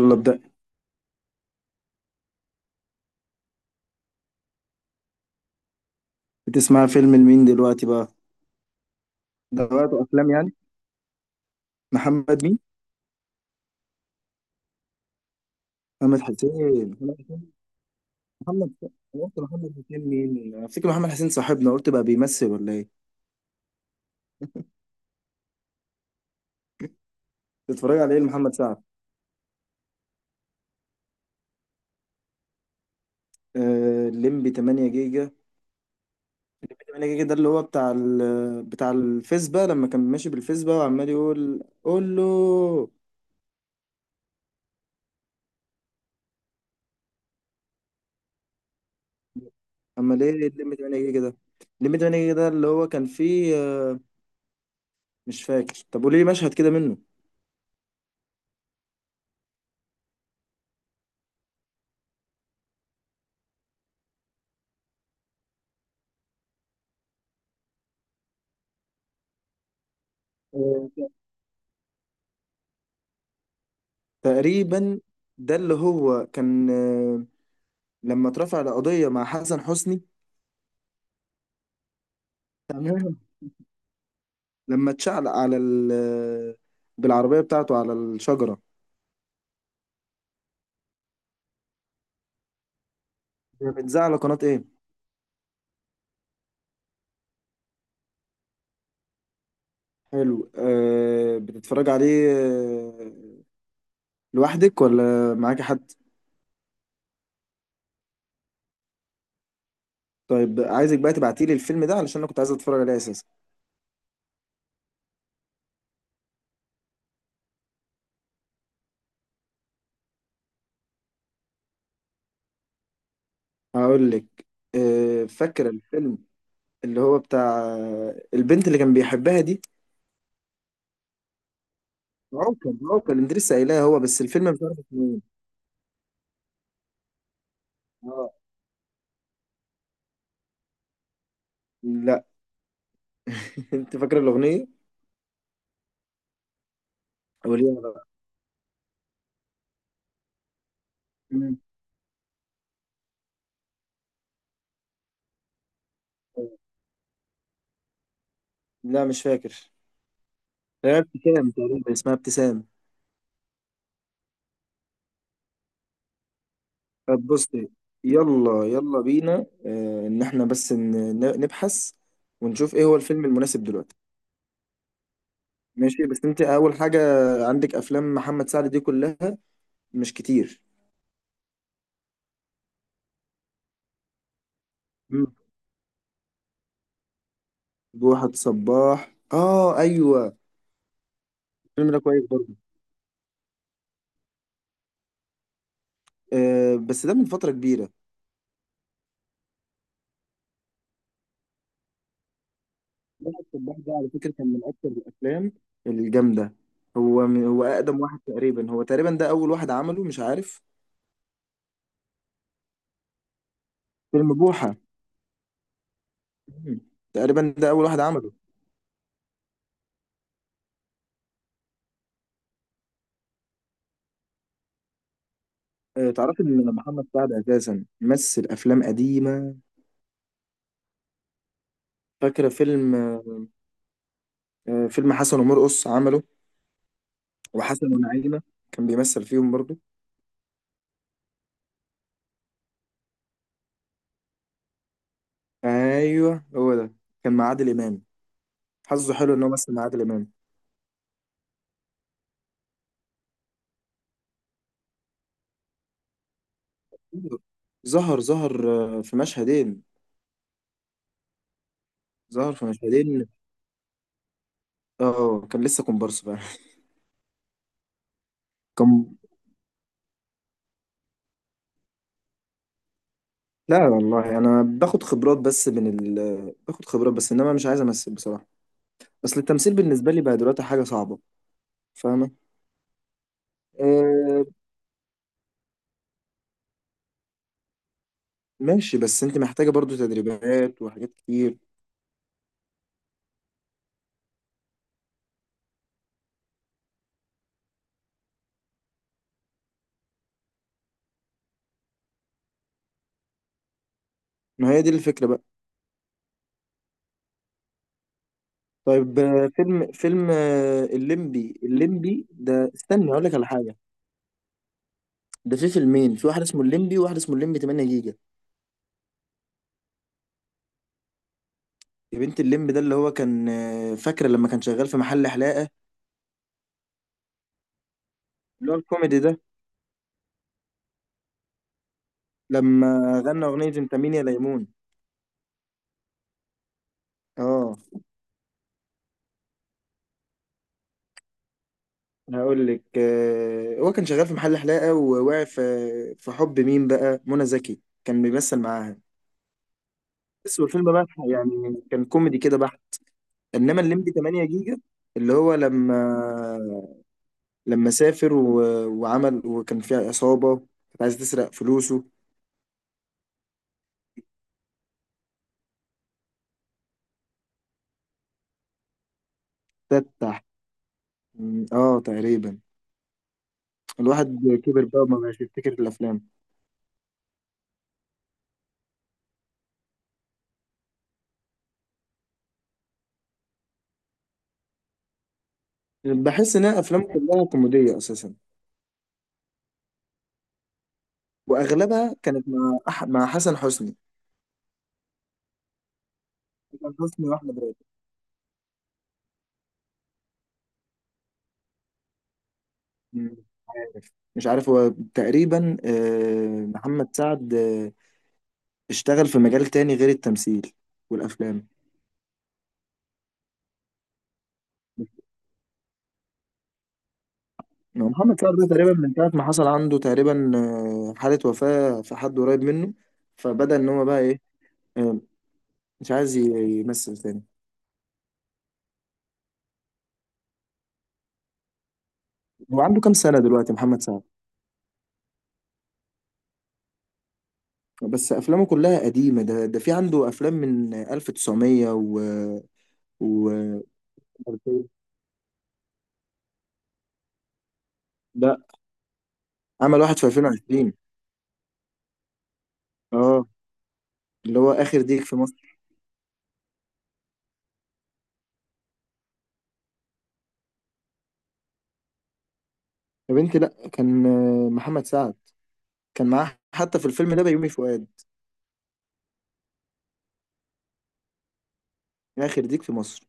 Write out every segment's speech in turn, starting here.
يلا ابدأ. بتسمع فيلم لمين دلوقتي بقى؟ دلوقتي أفلام يعني؟ محمد مين؟ محمد حسين محمد حسين محمد حسين. أنا قلت محمد حسين مين؟ أنا أفتكر محمد حسين صاحبنا قلت بقى بيمثل ولا إيه؟ بتتفرج على إيه لمحمد سعد؟ ليمبي 8 جيجا. 8 جيجا ده اللي هو بتاع بتاع الفيسبا لما كان ماشي بالفيسبا وعمال يقول قول له. أمال إيه الليمبي 8 جيجا ده؟ الليمبي 8 جيجا ده اللي هو كان فيه، مش فاكر. طب قولي لي مشهد كده منه تقريبا. ده اللي هو كان، لما اترفع القضية مع حسن حسني. تمام. لما اتشعلق على ال آه، بالعربية بتاعته على الشجرة. بتذاع على قناة ايه؟ حلو، أه بتتفرج عليه لوحدك ولا معاك حد؟ طيب عايزك بقى تبعتيلي الفيلم ده علشان انا كنت عايز اتفرج عليه اساسا. هقول لك، أه فاكرة الفيلم اللي هو بتاع البنت اللي كان بيحبها دي. عوكل عوكل، انت لسه قايلها هو بس الفيلم مش عارف اسمه. ايه اه. لا، انت فاكر الاغنيه وليها بقى. مم. لا مش فاكر. هي ابتسام تقريبا، اسمها ابتسام. طب بصي، يلا يلا بينا، ان احنا بس نبحث ونشوف ايه هو الفيلم المناسب دلوقتي. ماشي، بس انت اول حاجه عندك افلام محمد سعد دي كلها، مش كتير. مم. بوحة صباح، اه ايوه الفيلم ده كويس برضه، آه بس ده من فتره كبيره. لا، السباح ده على فكرة كان من أكتر الأفلام الجامدة. هو من هو أقدم واحد تقريبا، هو تقريبا ده أول واحد عمله مش عارف. فيلم بوحة. مم. تقريبا ده أول واحد عمله. تعرف إن محمد سعد أساسا مثل أفلام قديمة. فاكرة فيلم، فيلم حسن ومرقص عمله، وحسن ونعيمة كان بيمثل فيهم برضو. أيوه هو ده، كان مع عادل إمام. حظه حلو إن هو مثل مع عادل إمام. ظهر، في مشهدين. ظهر في مشهدين، اه كان لسه كومبارس بقى. كم؟ لا والله انا باخد خبرات بس من باخد خبرات بس انما مش عايز امثل بصراحه. اصل التمثيل بالنسبه لي بقى دلوقتي حاجه صعبه، فاهمه؟ آه، ماشي بس انت محتاجه برضو تدريبات وحاجات كتير. ما هي دي الفكره بقى. طيب فيلم، الليمبي ده، استني اقول لك على حاجه. ده في فيلمين، في واحد اسمه الليمبي وواحد اسمه الليمبي 8 جيجا. يا بنت، الليمبي ده اللي هو كان، فاكره لما كان شغال في محل حلاقه، اللي هو الكوميدي ده. لما غنى اغنيه انت مين يا ليمون. اه. هقول لك، هو كان شغال في محل حلاقة، ووقع في حب مين بقى، منى زكي كان بيمثل معاها بس. والفيلم بقى يعني كان كوميدي كده بحت. انما الليمبي 8 جيجا اللي هو لما سافر وعمل، وكان فيها عصابة كانت عايزة تسرق فلوسه. تفتح، اه تقريبا. الواحد كبر بقى وما بقاش يفتكر الافلام. بحس ان الافلام كلها كوميدية اساسا، واغلبها كانت مع مع حسن حسني. حسن حسني واحمد. مم. عارف مش عارف هو، تقريبا محمد سعد اشتغل في مجال تاني غير التمثيل والافلام. هو محمد سعد ده تقريبا من ساعة ما حصل عنده تقريبا حالة وفاة في حد قريب منه، فبدأ إن هو بقى إيه، آه، مش عايز يمثل تاني. هو عنده كام سنة دلوقتي محمد سعد؟ بس أفلامه كلها قديمة، ده في عنده أفلام من 1900 و 2000. لا، عمل واحد في 2020. اه، اللي هو آخر ديك في. يا بنتي لا، كان محمد سعد، كان معاه حتى في الفيلم ده بيومي فؤاد. يا اخي، يخرب ديك في مصر.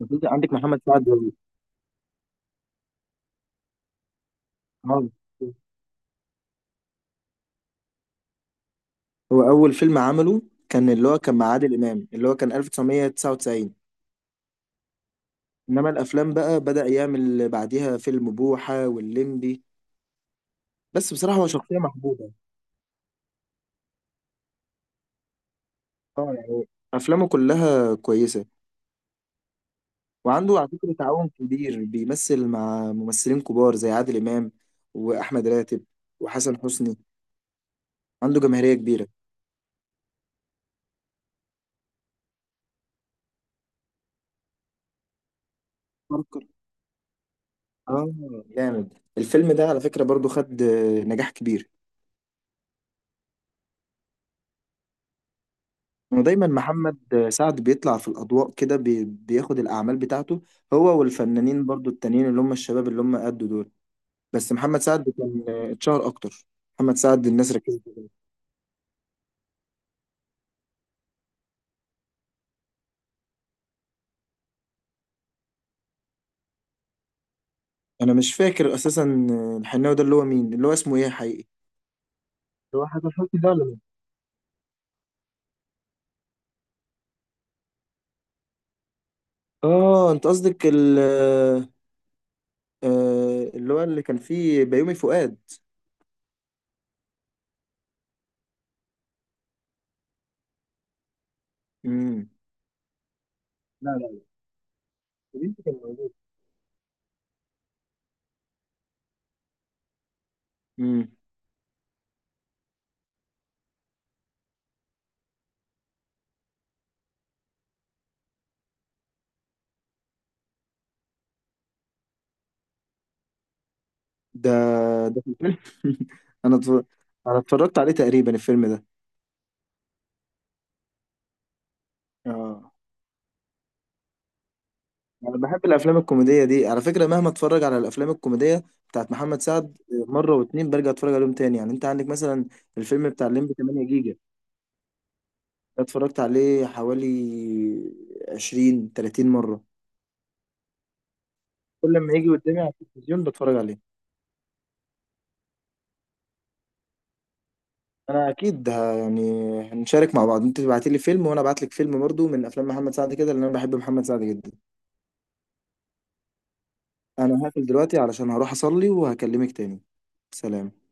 بس انت عندك محمد سعد والله. آه. هو اول فيلم عمله كان اللي هو كان مع عادل امام، اللي هو كان 1999. انما الافلام بقى بدأ يعمل بعديها فيلم بوحة واللمبي. بس بصراحة هو شخصية محبوبة. اه يعني افلامه كلها كويسة. وعنده على فكرة تعاون كبير، بيمثل مع ممثلين كبار زي عادل امام واحمد راتب وحسن حسني. عنده جماهيرية كبيرة. اه جامد الفيلم ده على فكرة، برضو خد نجاح كبير. ودايما محمد سعد بيطلع في الأضواء كده، بياخد الأعمال بتاعته، هو والفنانين برضو التانيين اللي هم الشباب اللي هم قدوا دول. بس محمد سعد كان اتشهر أكتر. محمد سعد الناس ركزت. أنا مش فاكر أساسا الحناوي ده اللي هو مين، اللي هو اسمه إيه حقيقي؟ اللي هو حسن حسني ده ولا مين؟ اه انت قصدك ال آه، آه، اللي هو اللي كان فيه بيومي فؤاد. امم لا لا لا، البنت كان موجود. ده ده في الفيلم. انا اتفر- انا اتفرجت عليه تقريبا الفيلم ده. اه انا بحب الافلام الكوميديه دي على فكره، مهما اتفرج على الافلام الكوميديه بتاعت محمد سعد مره واتنين برجع اتفرج عليهم تاني. يعني انت عندك مثلا الفيلم بتاع الليمبي 8 جيجا ده، اتفرجت عليه حوالي 20-30 مره. كل لما يجي قدامي على التلفزيون بتفرج عليه. انا اكيد يعني هنشارك مع بعض، انت تبعتي لي فيلم وانا ابعت لك فيلم برضو من افلام محمد سعد كده لان انا بحب محمد سعد جدا. انا هقفل دلوقتي علشان هروح اصلي وهكلمك تاني. سلام.